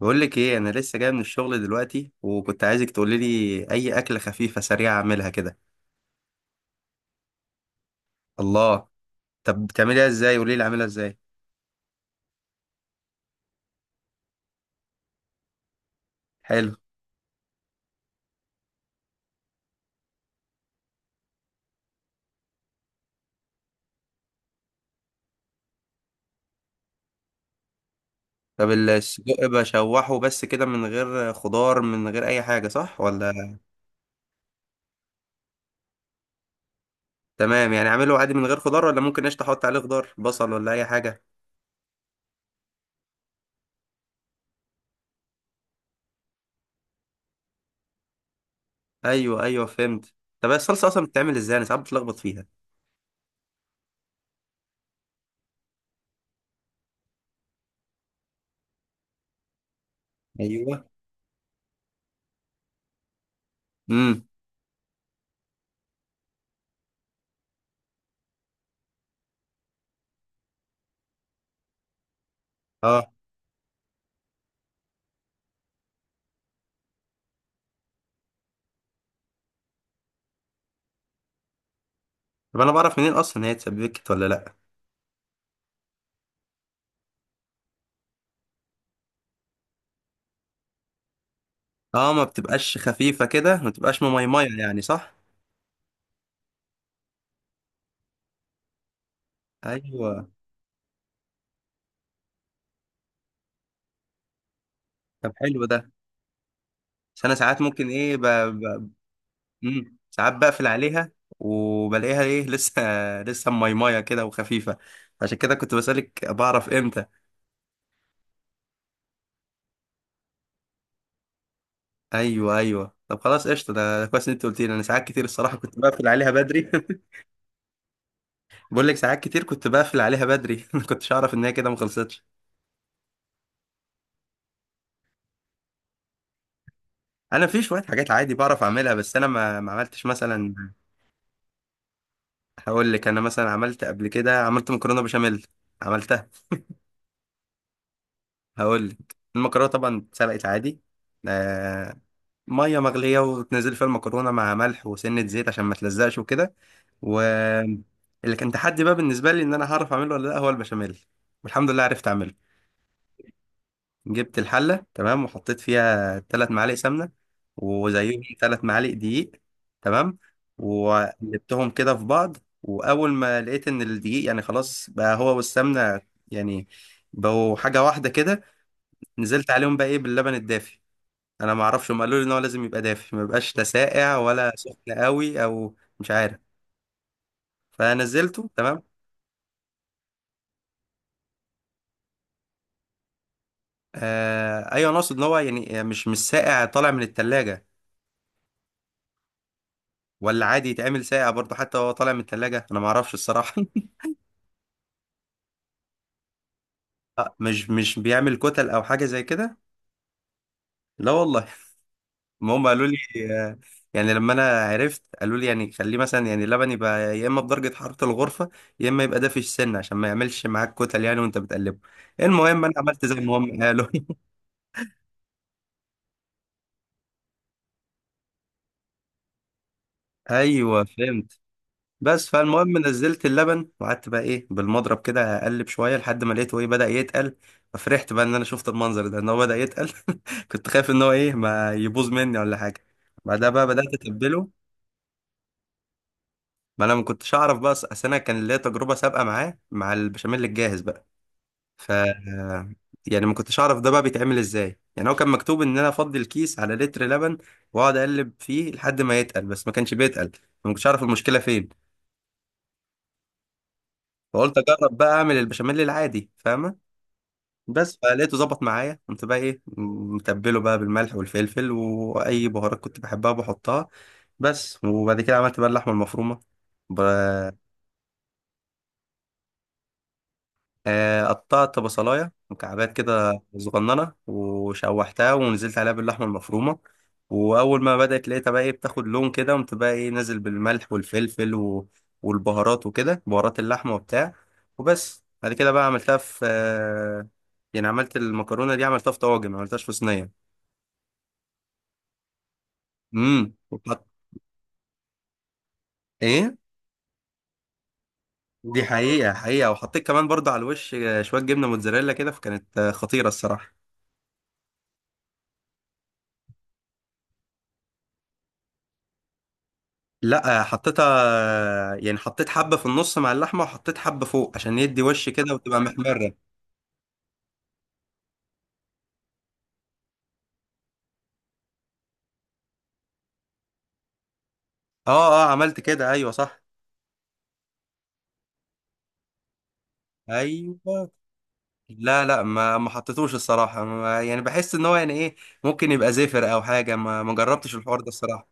بقول لك ايه؟ انا لسه جاي من الشغل دلوقتي، وكنت عايزك تقولي لي اي اكله خفيفه سريعه اعملها كده. الله. طب بتعمليها ازاي؟ قولي لي اعملها ازاي. حلو. طب السجق بشوحه بس كده، من غير خضار، من غير اي حاجه، صح ولا؟ تمام، يعني اعمله عادي من غير خضار، ولا ممكن قشطه احط عليه خضار، بصل ولا اي حاجه؟ ايوه، ايوه، فهمت. طب هي الصلصه اصلا بتتعمل ازاي؟ انا ساعات بتلخبط فيها. ايوه. امم. اه. طب انا بعرف منين اصلا ان هي اتسبكت ولا لا؟ اه، ما بتبقاش خفيفه كده، ما بتبقاش مميميه يعني، صح؟ ايوه. طب حلو ده. بس انا ساعات ممكن ايه ساعات بقفل عليها، وبلاقيها ايه لسه. لسه ميمية كده وخفيفة. عشان كده كنت بسألك، بعرف امتى؟ ايوه، ايوه، طب خلاص قشطة. ده ده كويس ان انت قلت لي، انا ساعات كتير الصراحة كنت بقفل عليها بدري بقول لك ساعات كتير كنت بقفل عليها بدري ما كنتش اعرف ان هي كده ما خلصتش. انا في شوية حاجات عادي بعرف اعملها، بس انا ما عملتش مثلا. هقول لك، انا مثلا عملت قبل كده، عملت مكرونة بشاميل. عملتها. هقول لك، المكرونه طبعا اتسلقت عادي. آه. ميه مغليه وتنزل فيها المكرونه مع ملح وسنه زيت عشان ما تلزقش وكده. و اللي كان تحدي بقى بالنسبه لي، ان انا هعرف اعمله ولا لا، هو البشاميل. والحمد لله عرفت اعمله. جبت الحله تمام وحطيت فيها 3 معالق سمنه، وزيهم 3 معالق دقيق. تمام. وقلبتهم كده في بعض. واول ما لقيت ان الدقيق يعني خلاص بقى هو والسمنه يعني بقوا حاجه واحده كده، نزلت عليهم بقى ايه باللبن الدافي. انا ما اعرفش، هم قالوا لي ان هو لازم يبقى دافي، ما يبقاش لا ساقع ولا سخن قوي، او مش عارف. فنزلته تمام. آه ايوه، انا اقصد ان هو يعني مش ساقع طالع من التلاجة، ولا عادي يتعمل ساقع برضه حتى وهو طالع من التلاجة؟ انا ما اعرفش الصراحة. مش بيعمل كتل او حاجة زي كده؟ لا والله ما هم قالوا لي. آه، يعني لما انا عرفت، قالوا لي يعني خليه مثلا، يعني اللبن يبقى يا اما بدرجة حرارة الغرفة، يا اما يبقى دافي السن، عشان ما يعملش معاك كتل يعني وانت بتقلبه. المهم انا عملت زي ما هم قالوا ايوه فهمت. بس فالمهم نزلت اللبن، وقعدت بقى ايه بالمضرب كده اقلب شويه لحد ما لقيته ايه بدا يتقل. ففرحت بقى ان انا شفت المنظر ده، ان هو بدا يتقل. كنت خايف ان هو ايه ما يبوظ مني ولا حاجه. بعدها بقى بدات اتبله. ما انا ما كنتش اعرف بقى، اصل انا كان ليا تجربه سابقه معاه، مع البشاميل الجاهز بقى. ف يعني ما كنتش اعرف ده بقى بيتعمل ازاي. يعني هو كان مكتوب ان انا افضي الكيس على لتر لبن، واقعد اقلب فيه لحد ما يتقل، بس ما كانش بيتقل. ما كنتش اعرف المشكله فين. فقلت اجرب بقى اعمل البشاميل العادي، فاهمه؟ بس فلقيته ظبط معايا. قمت بقى ايه متبله بقى بالملح والفلفل، واي بهارات كنت بحبها بحطها. بس. وبعد كده عملت بقى اللحمه المفرومه. ب- قطعت بصلاية مكعبات كده صغننة، وشوحتها ونزلت عليها باللحمة المفرومة. وأول ما بدأت لقيتها بقى إيه بتاخد لون كده، قمت بقى إيه نازل بالملح والفلفل والبهارات وكده، بهارات اللحمة وبتاع. وبس بعد كده بقى عملتها في يعني عملت المكرونة دي، عملتها في طواجن، ما عملتهاش في صينية. وحط. إيه. دي حقيقة، حقيقة. وحطيت كمان برضه على الوش شوية جبنة موتزاريلا كده، فكانت خطيرة الصراحة. لا، حطيتها، يعني حطيت حبة في النص مع اللحمة، وحطيت حبة فوق عشان يدي وش كده وتبقى محمرة. اه، اه، عملت كده، ايوه صح. ايوه. لا، لا، ما حطيتوش الصراحة. ما يعني، بحس ان هو يعني ايه، ممكن يبقى زفر او حاجة. ما جربتش الحوار ده الصراحة.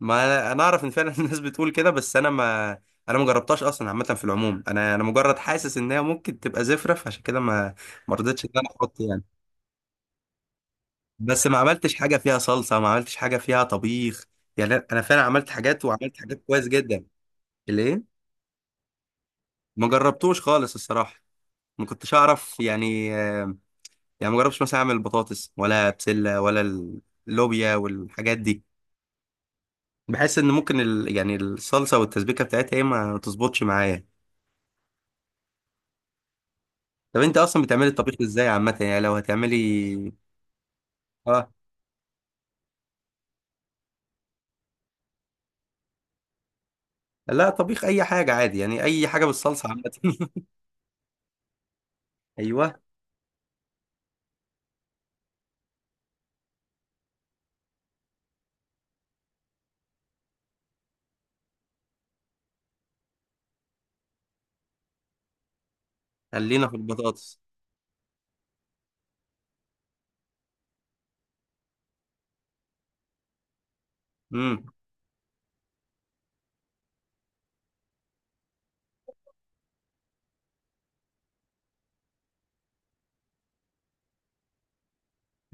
ما أنا اعرف ان فعلا الناس بتقول كده، بس انا ما. انا ما جربتهاش اصلا. عامة في العموم، انا مجرد حاسس ان هي ممكن تبقى زفرة، فعشان كده ما. ما رضيتش ان انا احط يعني. بس ما عملتش حاجه فيها صلصه، ما عملتش حاجه فيها طبيخ. يعني أنا فعلا عملت حاجات، وعملت حاجات كويس جدا. ليه؟ ما جربتوش خالص الصراحه. ما كنتش اعرف يعني يعني ما جربتش مثلا اعمل بطاطس ولا بسله، ولا اللوبيا والحاجات دي. بحس ان ممكن يعني الصلصه والتسبيكه بتاعتها ايه ما تظبطش معايا. طب انت اصلا بتعملي الطبيخ ازاي عامه؟ يعني لو هتعملي. اه. لا، طبيخ اي حاجه عادي، يعني اي حاجه بالصلصه عامه ايوه، خلينا في البطاطس. امم.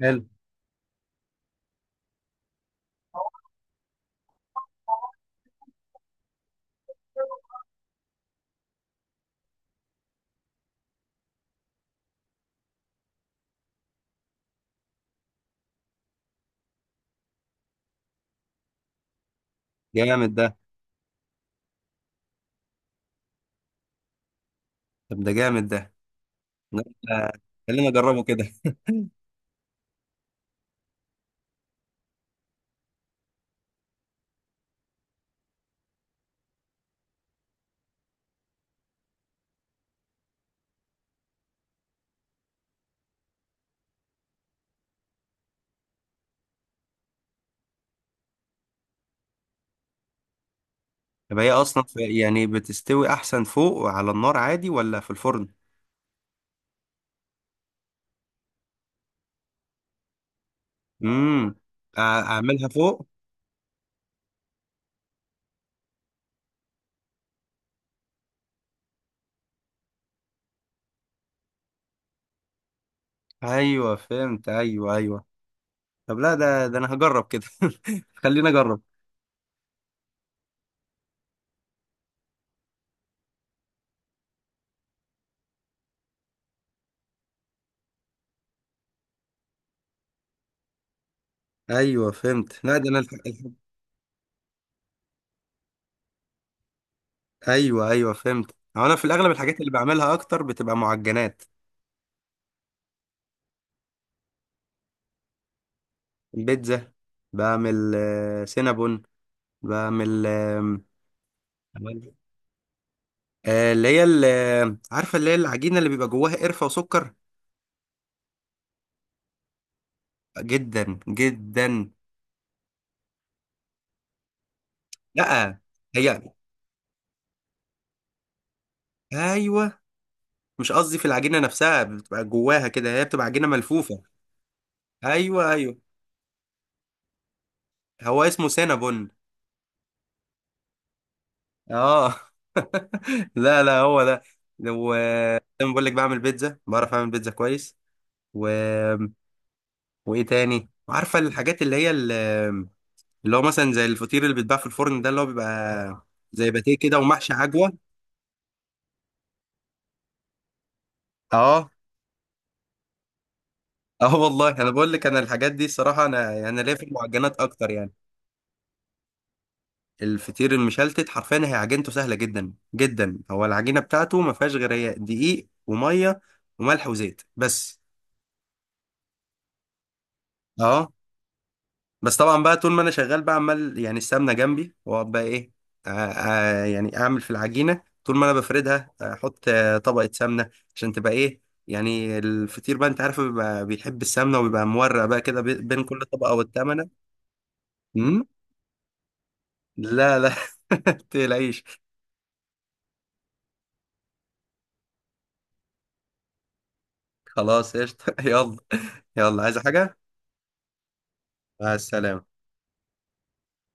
حلو. جامد ده. طب ده جامد ده. لا، آه، خلينا اجربه كده. طب هي اصلا في يعني بتستوي احسن فوق على النار عادي، ولا في الفرن؟ امم. اعملها فوق. ايوه فهمت، ايوه ايوه. طب لا، ده انا هجرب كده خلينا اجرب. ايوه فهمت. لا ده انا ايوه، ايوه، فهمت. هو انا في الاغلب الحاجات اللي بعملها اكتر بتبقى معجنات. البيتزا. بعمل سينابون. بعمل اللي هي عارفه، اللي هي العجينه اللي بيبقى جواها قرفه وسكر. جدا جدا. لا، هي، ايوه. مش قصدي، في العجينه نفسها بتبقى جواها كده، هي بتبقى عجينه ملفوفه. ايوه ايوه. هو اسمه سينابون. اه. لا لا، هو ده. وزي ما بقول لك، بعمل بيتزا، بعرف اعمل بيتزا كويس. و... وايه تاني؟ عارفه الحاجات اللي هي اللي هو مثلا زي الفطير اللي بيتباع في الفرن ده، اللي هو بيبقى زي باتيه كده، ومحشي عجوه. اه. اه والله، انا بقول لك، انا الحاجات دي الصراحه، انا ليا في المعجنات اكتر يعني. الفطير المشلتت، حرفيا هي عجينته سهله جدا جدا. هو العجينه بتاعته ما فيهاش غير، هي دقيق وميه وملح وزيت بس. اه. بس طبعا بقى طول ما انا شغال بقى، عمال يعني السمنه جنبي، واقعد بقى ايه يعني اعمل في العجينه. طول ما انا بفردها احط طبقه سمنه، عشان تبقى ايه يعني. الفطير بقى انت عارف، بيبقى بيحب السمنه، وبيبقى مورق بقى كده بين كل طبقه والتمنه. امم. لا لا تقلقيش. خلاص قشطه يلا. يلا، عايز حاجه؟ مع السلامة.